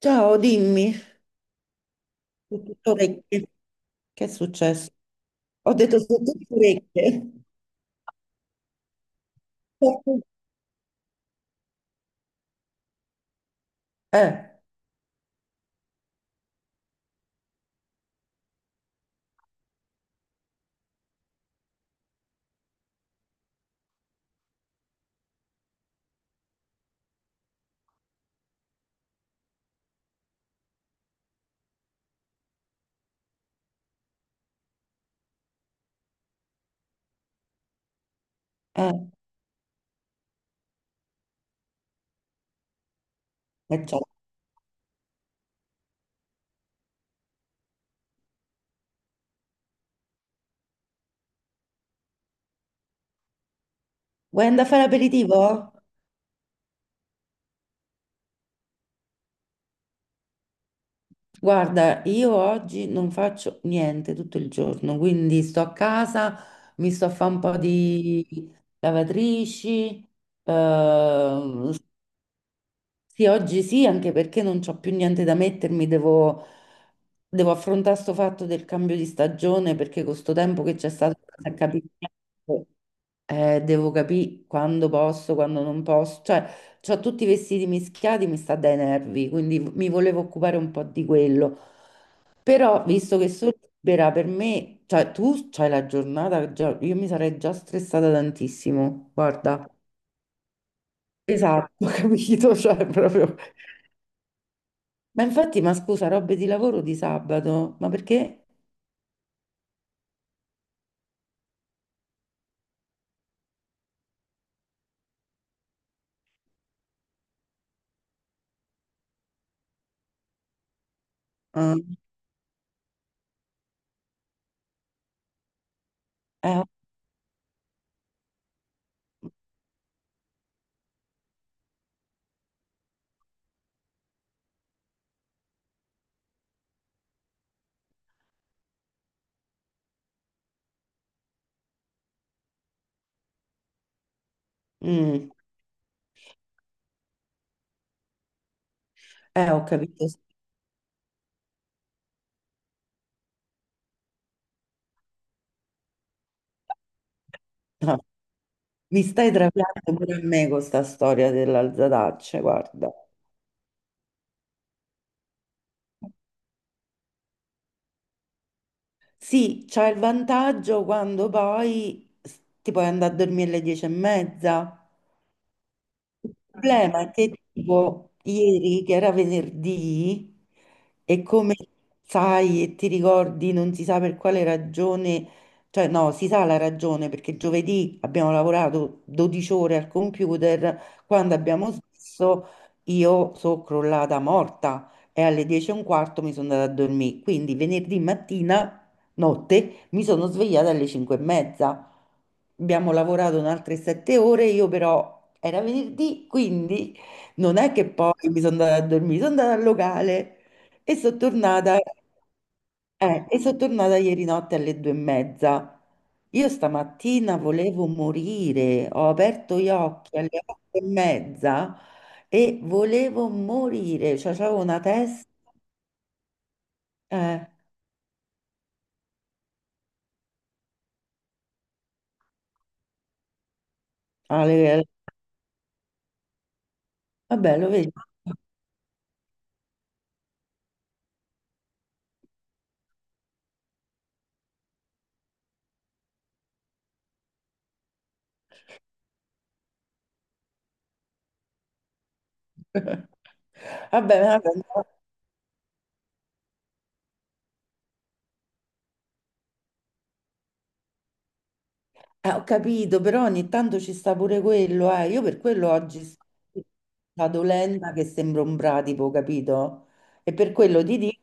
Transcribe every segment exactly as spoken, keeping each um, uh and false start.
Ciao, dimmi, sono tutto orecchie. Che è successo? Ho detto sono tutto orecchie. Eh, eh, eh, ciao. Vuoi andare a fare aperitivo? Guarda, io oggi non faccio niente tutto il giorno, quindi sto a casa, mi sto a fare un po' di lavatrici, eh, sì, oggi sì, anche perché non c'ho più niente da mettermi, devo, devo affrontare sto fatto del cambio di stagione perché con sto tempo che c'è stato senza capire niente, eh, devo capire quando posso, quando non posso, cioè ho tutti i vestiti mischiati, mi sta dai nervi, quindi mi volevo occupare un po' di quello, però visto che sono libera per me, cioè tu c'hai la giornata, già- io mi sarei già stressata tantissimo, guarda. Esatto, ho capito, cioè proprio... Ma infatti, ma scusa, robe di lavoro di sabato, ma perché? Ah, eh, mm, eh, ho capito. Sì. No, mi stai trapiando pure a me con sta storia dell'alzataccia, guarda. Sì, c'ha il vantaggio quando poi s- ti puoi andare a dormire alle dieci e mezza. Il Eh. problema è che tipo ieri, che era venerdì, e come sai e ti ricordi, non si sa per quale ragione, cioè no, si sa la ragione perché giovedì abbiamo lavorato dodici ore al computer, quando abbiamo smesso io sono crollata morta e alle dieci e un quarto mi sono andata a dormire, quindi venerdì mattina, notte, mi sono svegliata alle cinque e mezza, abbiamo lavorato un'altra sette ore, io però era venerdì, quindi non è che poi mi sono andata a dormire, sono andata al locale e sono tornata, eh, e sono tornata ieri notte alle due e mezza. Io stamattina volevo morire, ho aperto gli occhi alle otto e mezza e volevo morire, cioè avevo una testa, eh, alle- vabbè lo vedi. Vabbè, vabbè, eh, ho capito, però ogni tanto ci sta pure quello, eh. Io per quello oggi sto vado lenta che sembro un bradipo, capito? E per quello ti dico...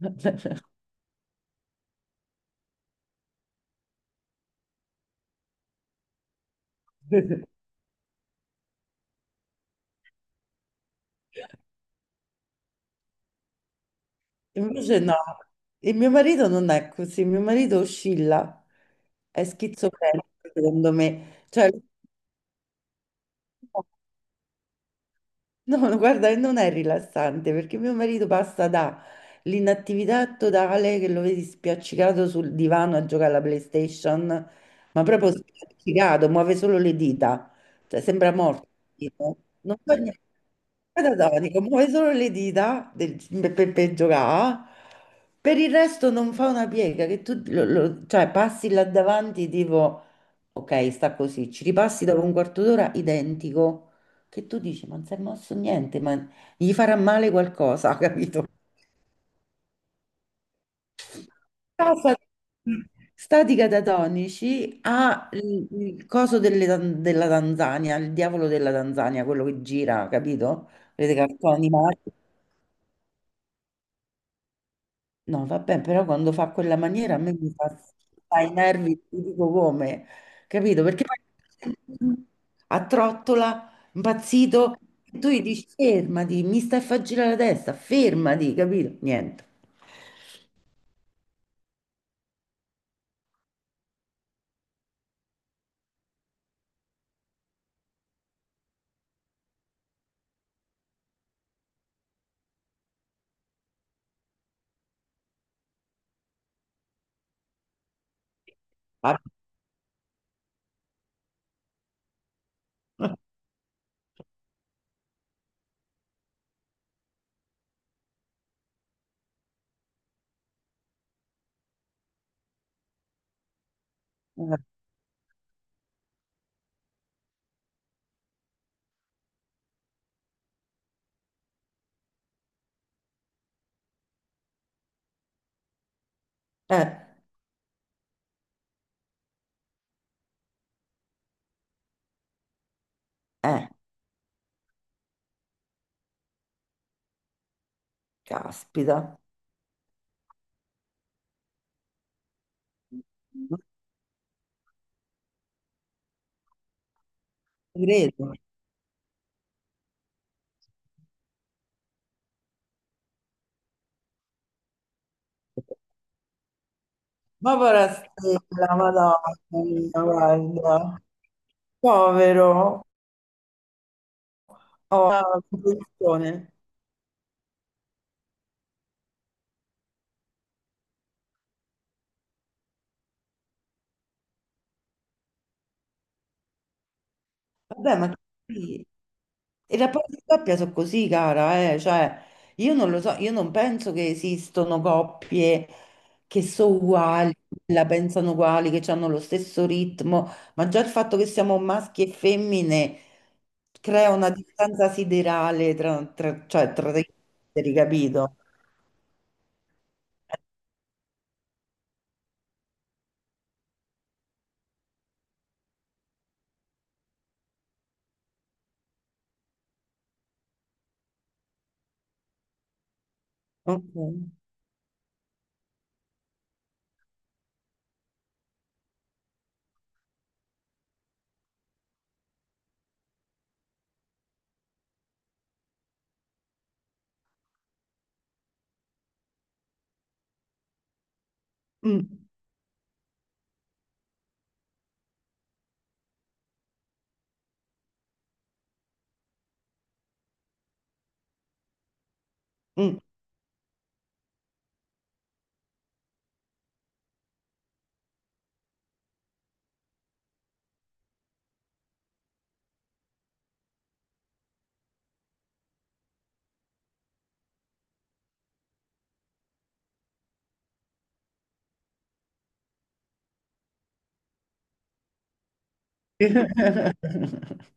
Invece no, il mio marito non è così, il mio marito oscilla, è schizofrenico secondo me. Cioè, no, no, guarda, e non è rilassante perché mio marito passa dall'inattività totale che lo vedi spiaccicato sul divano a giocare alla PlayStation, ma proprio spiaccicato, muove solo le dita, cioè sembra morto. Tipo. Non fa niente. Catatonico, muove solo le dita del- per, per- per giocare, per il resto non fa una piega, che tu lo- lo- cioè, passi là davanti tipo, ok, sta così, ci ripassi dopo un quarto d'ora identico che tu dici, ma non si è mosso niente, ma gli farà male qualcosa, capito? Casa stati catatonici ha il, il coso delle- della Tanzania, il diavolo della Tanzania, quello che gira, capito? Vedete cartoni animati. No, vabbè, però quando fa quella maniera a me mi fa, fa i nervi, ti dico come, capito? Perché poi a trottola, impazzito, tu gli dici fermati, mi stai a far girare la testa, fermati, capito? Niente. Ah, Eh, eh, caspita. Non ci credo. Ma povera stella, madonna mia, guarda. Povero. Oh, una comprensione. Vabbè, ma sì. I rapporti di coppia sono così, cara, eh. Cioè, io non lo so, io non penso che esistano coppie che sono uguali, la pensano uguali, che hanno lo stesso ritmo, ma già il fatto che siamo maschi e femmine crea una distanza siderale tra, tra, cioè, tra gli esseri, capito? Ok. Mm, mm.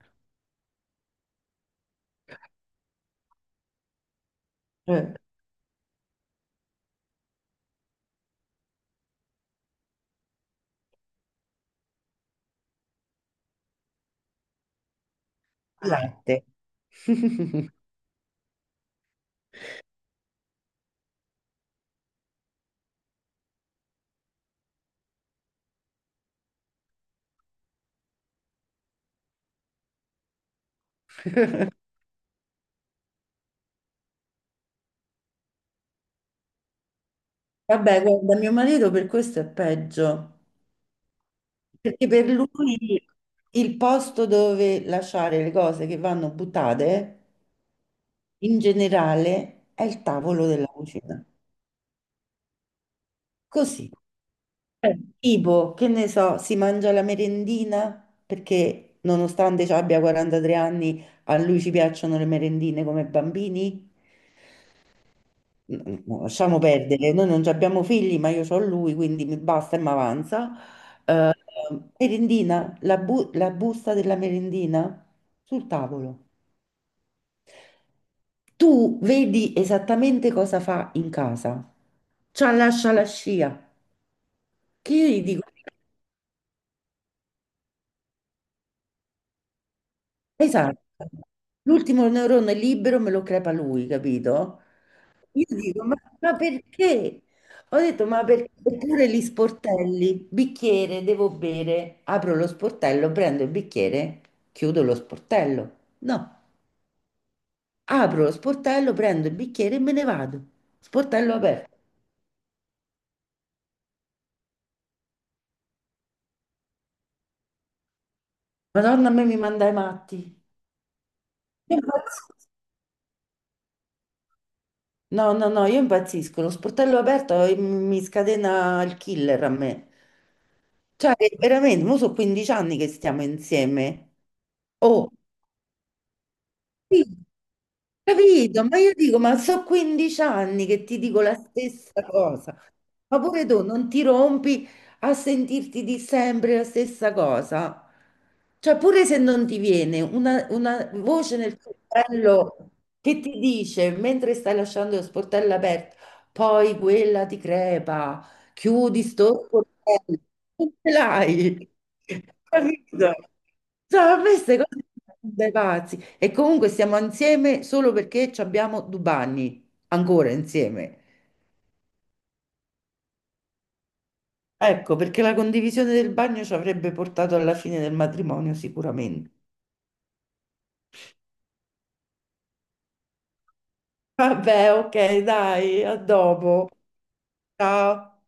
Eh, latte. Vabbè, guarda, mio marito per questo è peggio, perché per lui il posto dove lasciare le cose che vanno buttate in generale è il tavolo della cucina. Così. Eh. Tipo, che ne so, si mangia la merendina perché nonostante ci abbia quarantatré anni, a lui ci piacciono le merendine come bambini. N- no, lasciamo perdere, noi non ci abbiamo figli, ma io ho lui, quindi mi basta e mi avanza. Eh, merendina, la, bu- la busta della merendina sul tavolo. Tu vedi esattamente cosa fa in casa. C'ha lascia la scia. Che io gli dico, esatto, l'ultimo neurone libero me lo crepa lui, capito? Io dico, ma, ma perché? Ho detto, ma perché? Oppure gli sportelli, bicchiere, devo bere, apro lo sportello, prendo il bicchiere, chiudo lo sportello. No, apro lo sportello, prendo il bicchiere e me ne vado. Sportello aperto. Madonna, a me mi manda i matti. Io impazzisco. No, no, no, io impazzisco. Lo sportello aperto eh, mi scatena il killer a me. Cioè, veramente, mo sono quindici anni che stiamo insieme. Oh, Sì, capito? Ma io dico, ma so quindici anni che ti dico la stessa cosa, ma pure tu non ti rompi a sentirti di sempre la stessa cosa. Cioè, pure se non ti viene una, una voce nel tuo cervello che ti dice, mentre stai lasciando lo sportello aperto, poi quella ti crepa, chiudi sto sportello, non ce l'hai, capito? Cioè, a me queste cose mi fanno dai pazzi. E comunque stiamo insieme solo perché ci abbiamo due bagni, ancora insieme. Ecco, perché la condivisione del bagno ci avrebbe portato alla fine del matrimonio sicuramente. Vabbè, ok, dai, a dopo. Ciao.